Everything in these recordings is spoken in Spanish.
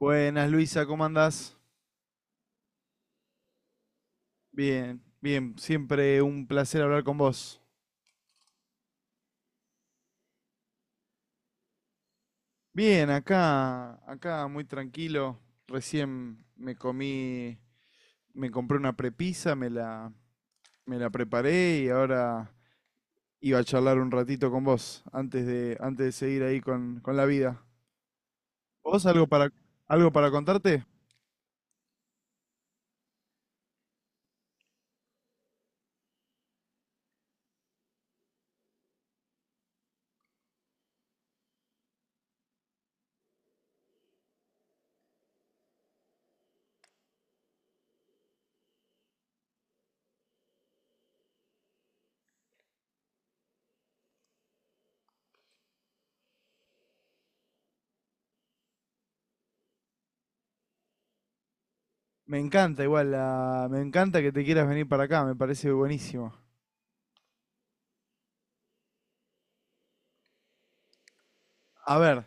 Buenas, Luisa, ¿cómo andás? Bien, bien, siempre un placer hablar con vos. Bien, acá, acá muy tranquilo. Recién me comí, me compré una prepisa, me la preparé y ahora iba a charlar un ratito con vos antes de seguir ahí con la vida. ¿Vos algo para, algo para contarte? Me encanta igual, me encanta que te quieras venir para acá, me parece buenísimo. A ver.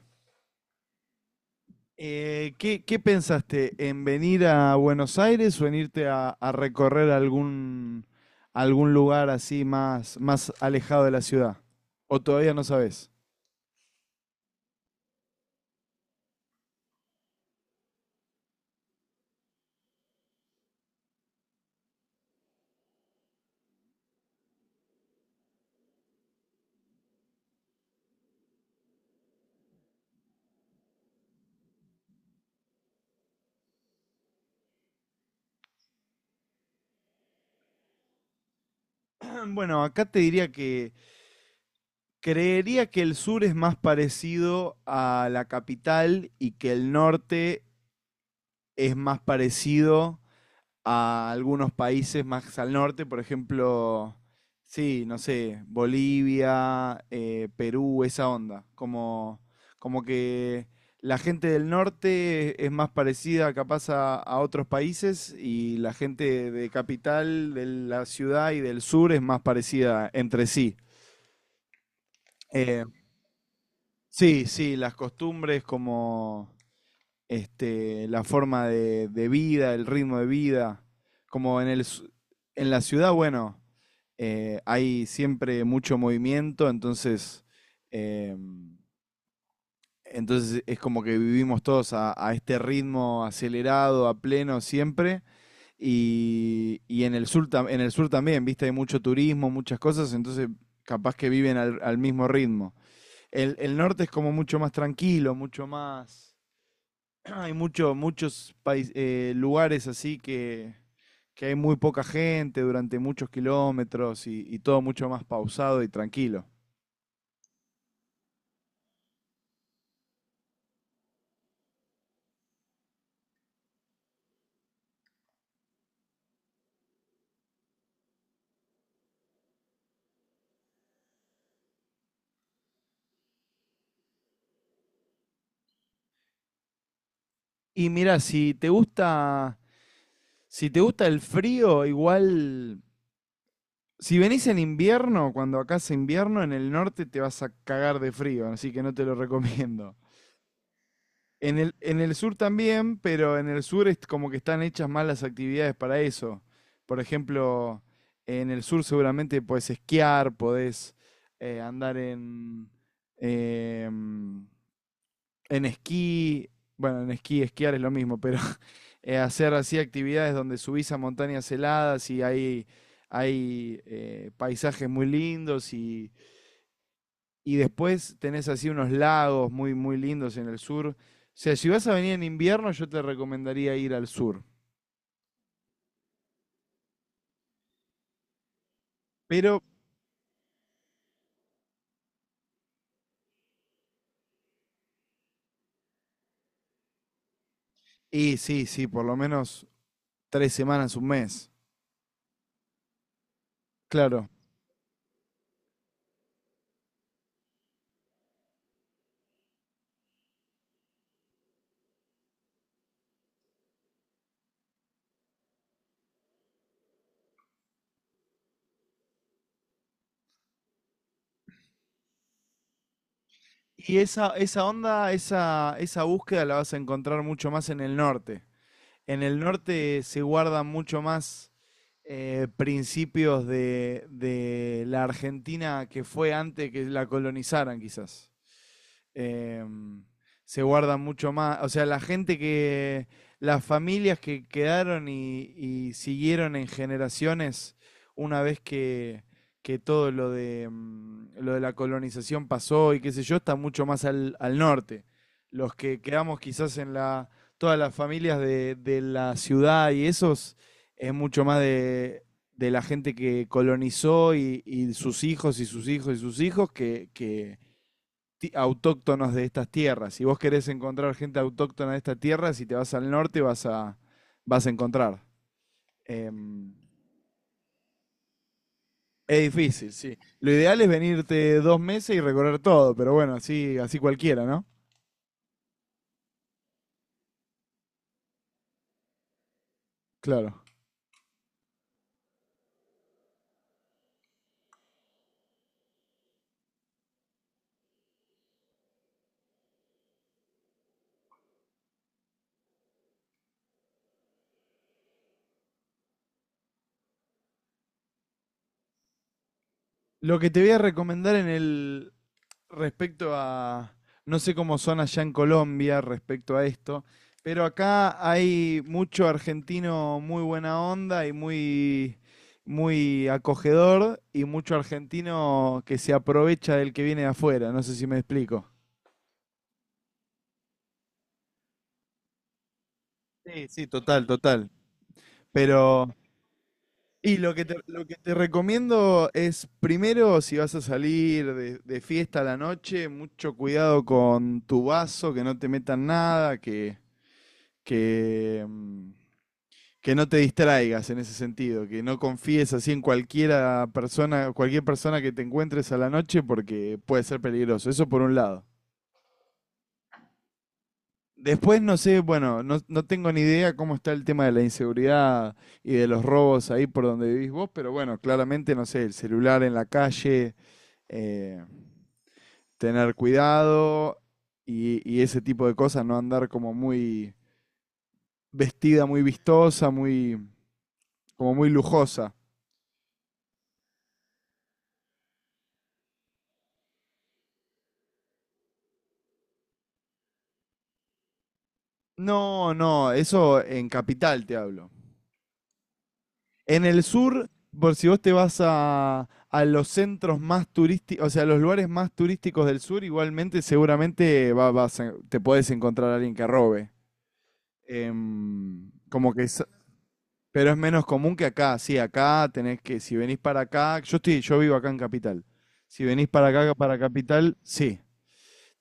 Qué pensaste? ¿En venir a Buenos Aires o en irte a recorrer algún lugar así más alejado de la ciudad? ¿O todavía no sabes? Bueno, acá te diría que creería que el sur es más parecido a la capital y que el norte es más parecido a algunos países más al norte, por ejemplo, sí, no sé, Bolivia, Perú, esa onda. Como, como que la gente del norte es más parecida capaz a otros países y la gente de capital, de la ciudad y del sur es más parecida entre sí. Eh, sí, sí, las costumbres como... este, la forma de vida, el ritmo de vida. Como en, el, su- En la ciudad, bueno, hay siempre mucho movimiento, entonces, em, entonces es como que vivimos todos a este ritmo acelerado, a pleno siempre. Y en el sur, en el sur también, viste, hay mucho turismo, muchas cosas, entonces capaz que viven al mismo ritmo. El norte es como mucho más tranquilo, mucho más hay lugares así que hay muy poca gente durante muchos kilómetros y todo mucho más pausado y tranquilo. Y mira, si te gusta, si te gusta el frío, igual, si venís en invierno, cuando acá hace invierno, en el norte te vas a cagar de frío, así que no te lo recomiendo. En el sur también, pero en el sur es como que están hechas más las actividades para eso. Por ejemplo, en el sur seguramente podés esquiar, podés eh, andar en, em, en esquí. Bueno, en esquí, esquiar es lo mismo, pero hacer así actividades donde subís a montañas heladas y hay paisajes muy lindos y después tenés así unos lagos muy, muy lindos en el sur. O sea, si vas a venir en invierno, yo te recomendaría ir al sur. Pero, y sí, sí, por lo menos 3 semanas, un mes. Claro. Y esa onda, esa búsqueda la vas a encontrar mucho más en el norte. En el norte se guardan mucho más principios de la Argentina que fue antes que la colonizaran, quizás. em, se guardan mucho más. O sea, la gente que, las familias que quedaron y siguieron en generaciones una vez que todo lo de, lo de la colonización pasó y qué sé yo, está mucho más al norte. Los que quedamos quizás en la, todas las familias de la ciudad y esos, es mucho más de la gente que colonizó y sus hijos y sus hijos y sus hijos autóctonos de estas tierras. Si vos querés encontrar gente autóctona de esta tierra, si te vas al norte vas a encontrar. Em, es difícil, sí. Lo ideal es venirte 2 meses y recorrer todo, pero bueno, así, así cualquiera, ¿no? Claro. Lo que te voy a recomendar en el, respecto a, no sé cómo son allá en Colombia respecto a esto, pero acá hay mucho argentino muy buena onda y muy, muy acogedor y mucho argentino que se aprovecha del que viene de afuera, no sé si me explico. Sí, sí, total, total. Pero, y lo que te recomiendo es, primero, si vas a salir de fiesta a la noche, mucho cuidado con tu vaso, que no te metan nada, que, mm, que no te distraigas en ese sentido, que no confíes así en cualquiera persona, cualquier persona que te encuentres a la noche porque puede ser peligroso. Eso por un lado. Después no sé, bueno, no, no tengo ni idea cómo está el tema de la inseguridad y de los robos ahí por donde vivís vos, pero bueno, claramente, no sé, el celular en la calle, eh, tener cuidado y ese tipo de cosas, no andar como muy vestida, muy vistosa, muy, como muy lujosa. No, no, eso en Capital te hablo. En el sur, por si vos te vas a los centros más turísticos, o sea, a los lugares más turísticos del sur, igualmente seguramente te podés encontrar a alguien que robe. Em, como que es- pero es menos común que acá, sí, acá tenés que, si venís para acá, yo estoy, yo vivo acá en Capital. Si venís para acá, para Capital, sí,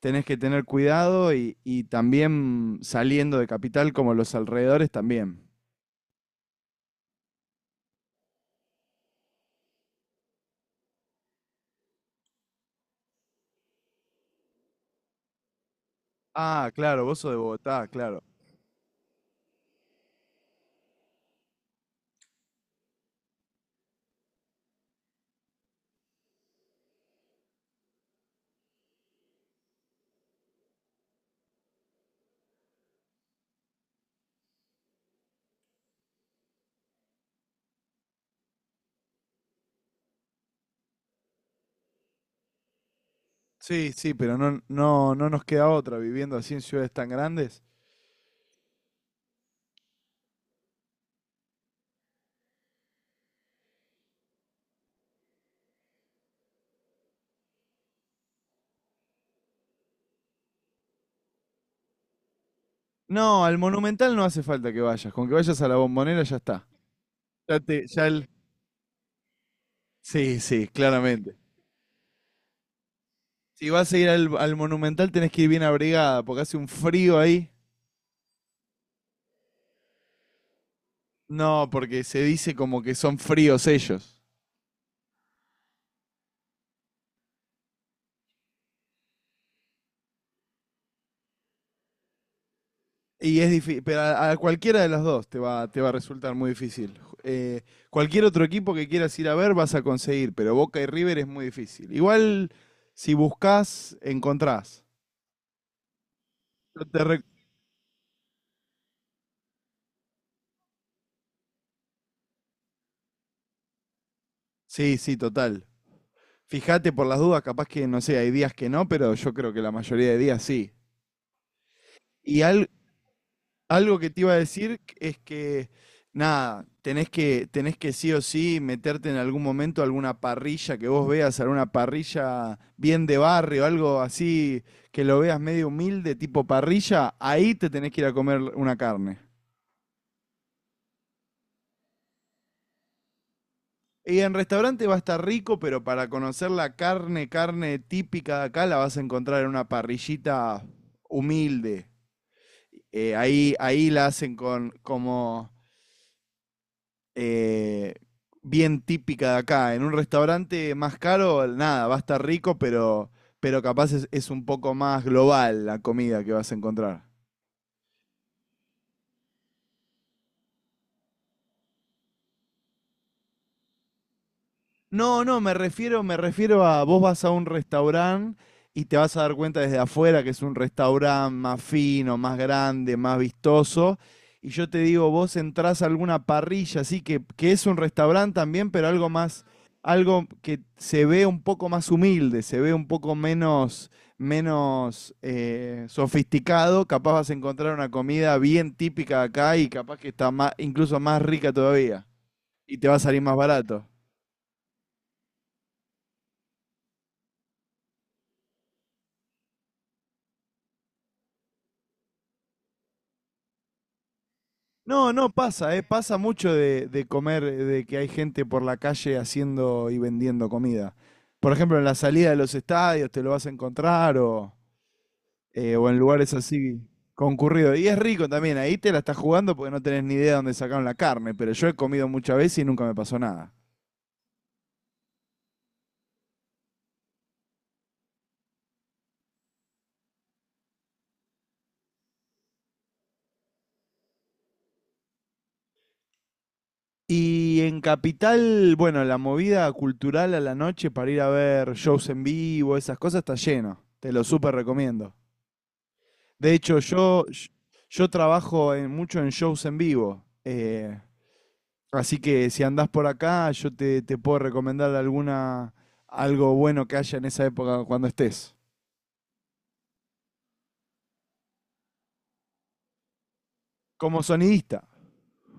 tenés que tener cuidado y también saliendo de Capital, como los alrededores también. Ah, claro, vos sos de Bogotá, claro. Sí, sí, pero no, no, no nos queda otra viviendo así en ciudades tan grandes. No, al Monumental no hace falta que vayas. Con que vayas a la Bombonera ya está. Ya el... Sí, sí, claramente. Si vas a ir al Monumental tenés que ir bien abrigada porque hace un frío ahí. No, porque se dice como que son fríos ellos. Y es difícil, pero a cualquiera de las dos te va a resultar muy difícil. Eh, cualquier otro equipo que quieras ir a ver vas a conseguir, pero Boca y River es muy difícil. Igual, si buscas, encontrás. Yo te re- Sí, sí, total. Fíjate por las dudas, capaz que, no sé, hay días que no, pero yo creo que la mayoría de días sí. Y, al- algo que te iba a decir es que, nada, tenés que sí o sí meterte en algún momento a alguna parrilla que vos veas, alguna parrilla bien de barrio, algo así que lo veas medio humilde, tipo parrilla, ahí te tenés que ir a comer una carne. Y en restaurante va a estar rico, pero para conocer la carne, carne típica de acá, la vas a encontrar en una parrillita humilde. Ahí la hacen con como eh, bien típica de acá. En un restaurante más caro, nada, va a estar rico, pero capaz es un poco más global la comida que vas a encontrar. No, no, me refiero a vos vas a un restaurante y te vas a dar cuenta desde afuera que es un restaurante más fino, más grande, más vistoso. Y yo te digo, vos entrás a alguna parrilla, así que es un restaurante también, pero algo más, algo que se ve un poco más humilde, se ve un poco menos, menos sofisticado. Capaz vas a encontrar una comida bien típica de acá y capaz que está más, incluso más rica todavía. Y te va a salir más barato. No, no pasa, ¿eh? Pasa mucho de comer, de que hay gente por la calle haciendo y vendiendo comida. Por ejemplo, en la salida de los estadios te lo vas a encontrar o en lugares así concurridos. Y es rico también, ahí te la estás jugando porque no tenés ni idea de dónde sacaron la carne, pero yo he comido muchas veces y nunca me pasó nada. Y en Capital, bueno, la movida cultural a la noche para ir a ver shows en vivo, esas cosas, está lleno. Te lo súper recomiendo. De hecho, mucho en shows en vivo. Así que si andás por acá, te puedo recomendar algo bueno que haya en esa época cuando estés. Como sonidista.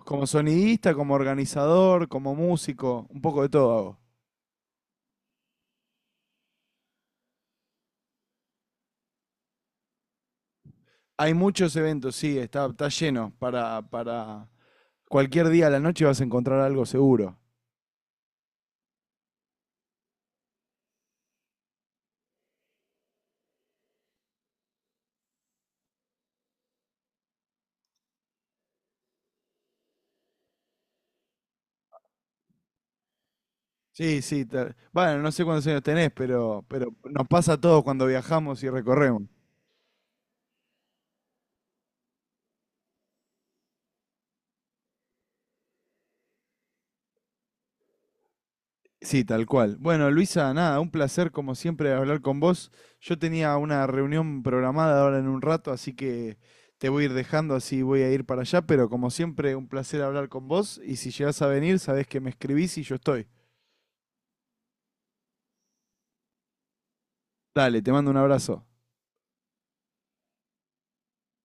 Como sonidista, como organizador, como músico, un poco de todo hago. Hay muchos eventos, sí, está, está lleno. Para cualquier día a la noche vas a encontrar algo seguro. Sí, sí. Bueno, no sé cuántos años tenés, pero nos pasa a todos cuando viajamos y recorremos. Sí, tal cual. Bueno, Luisa, nada, un placer como siempre hablar con vos. Yo tenía una reunión programada ahora en un rato, así que te voy a ir dejando, así voy a ir para allá, pero como siempre, un placer hablar con vos y si llegás a venir, sabés que me escribís y yo estoy. Dale, te mando un abrazo.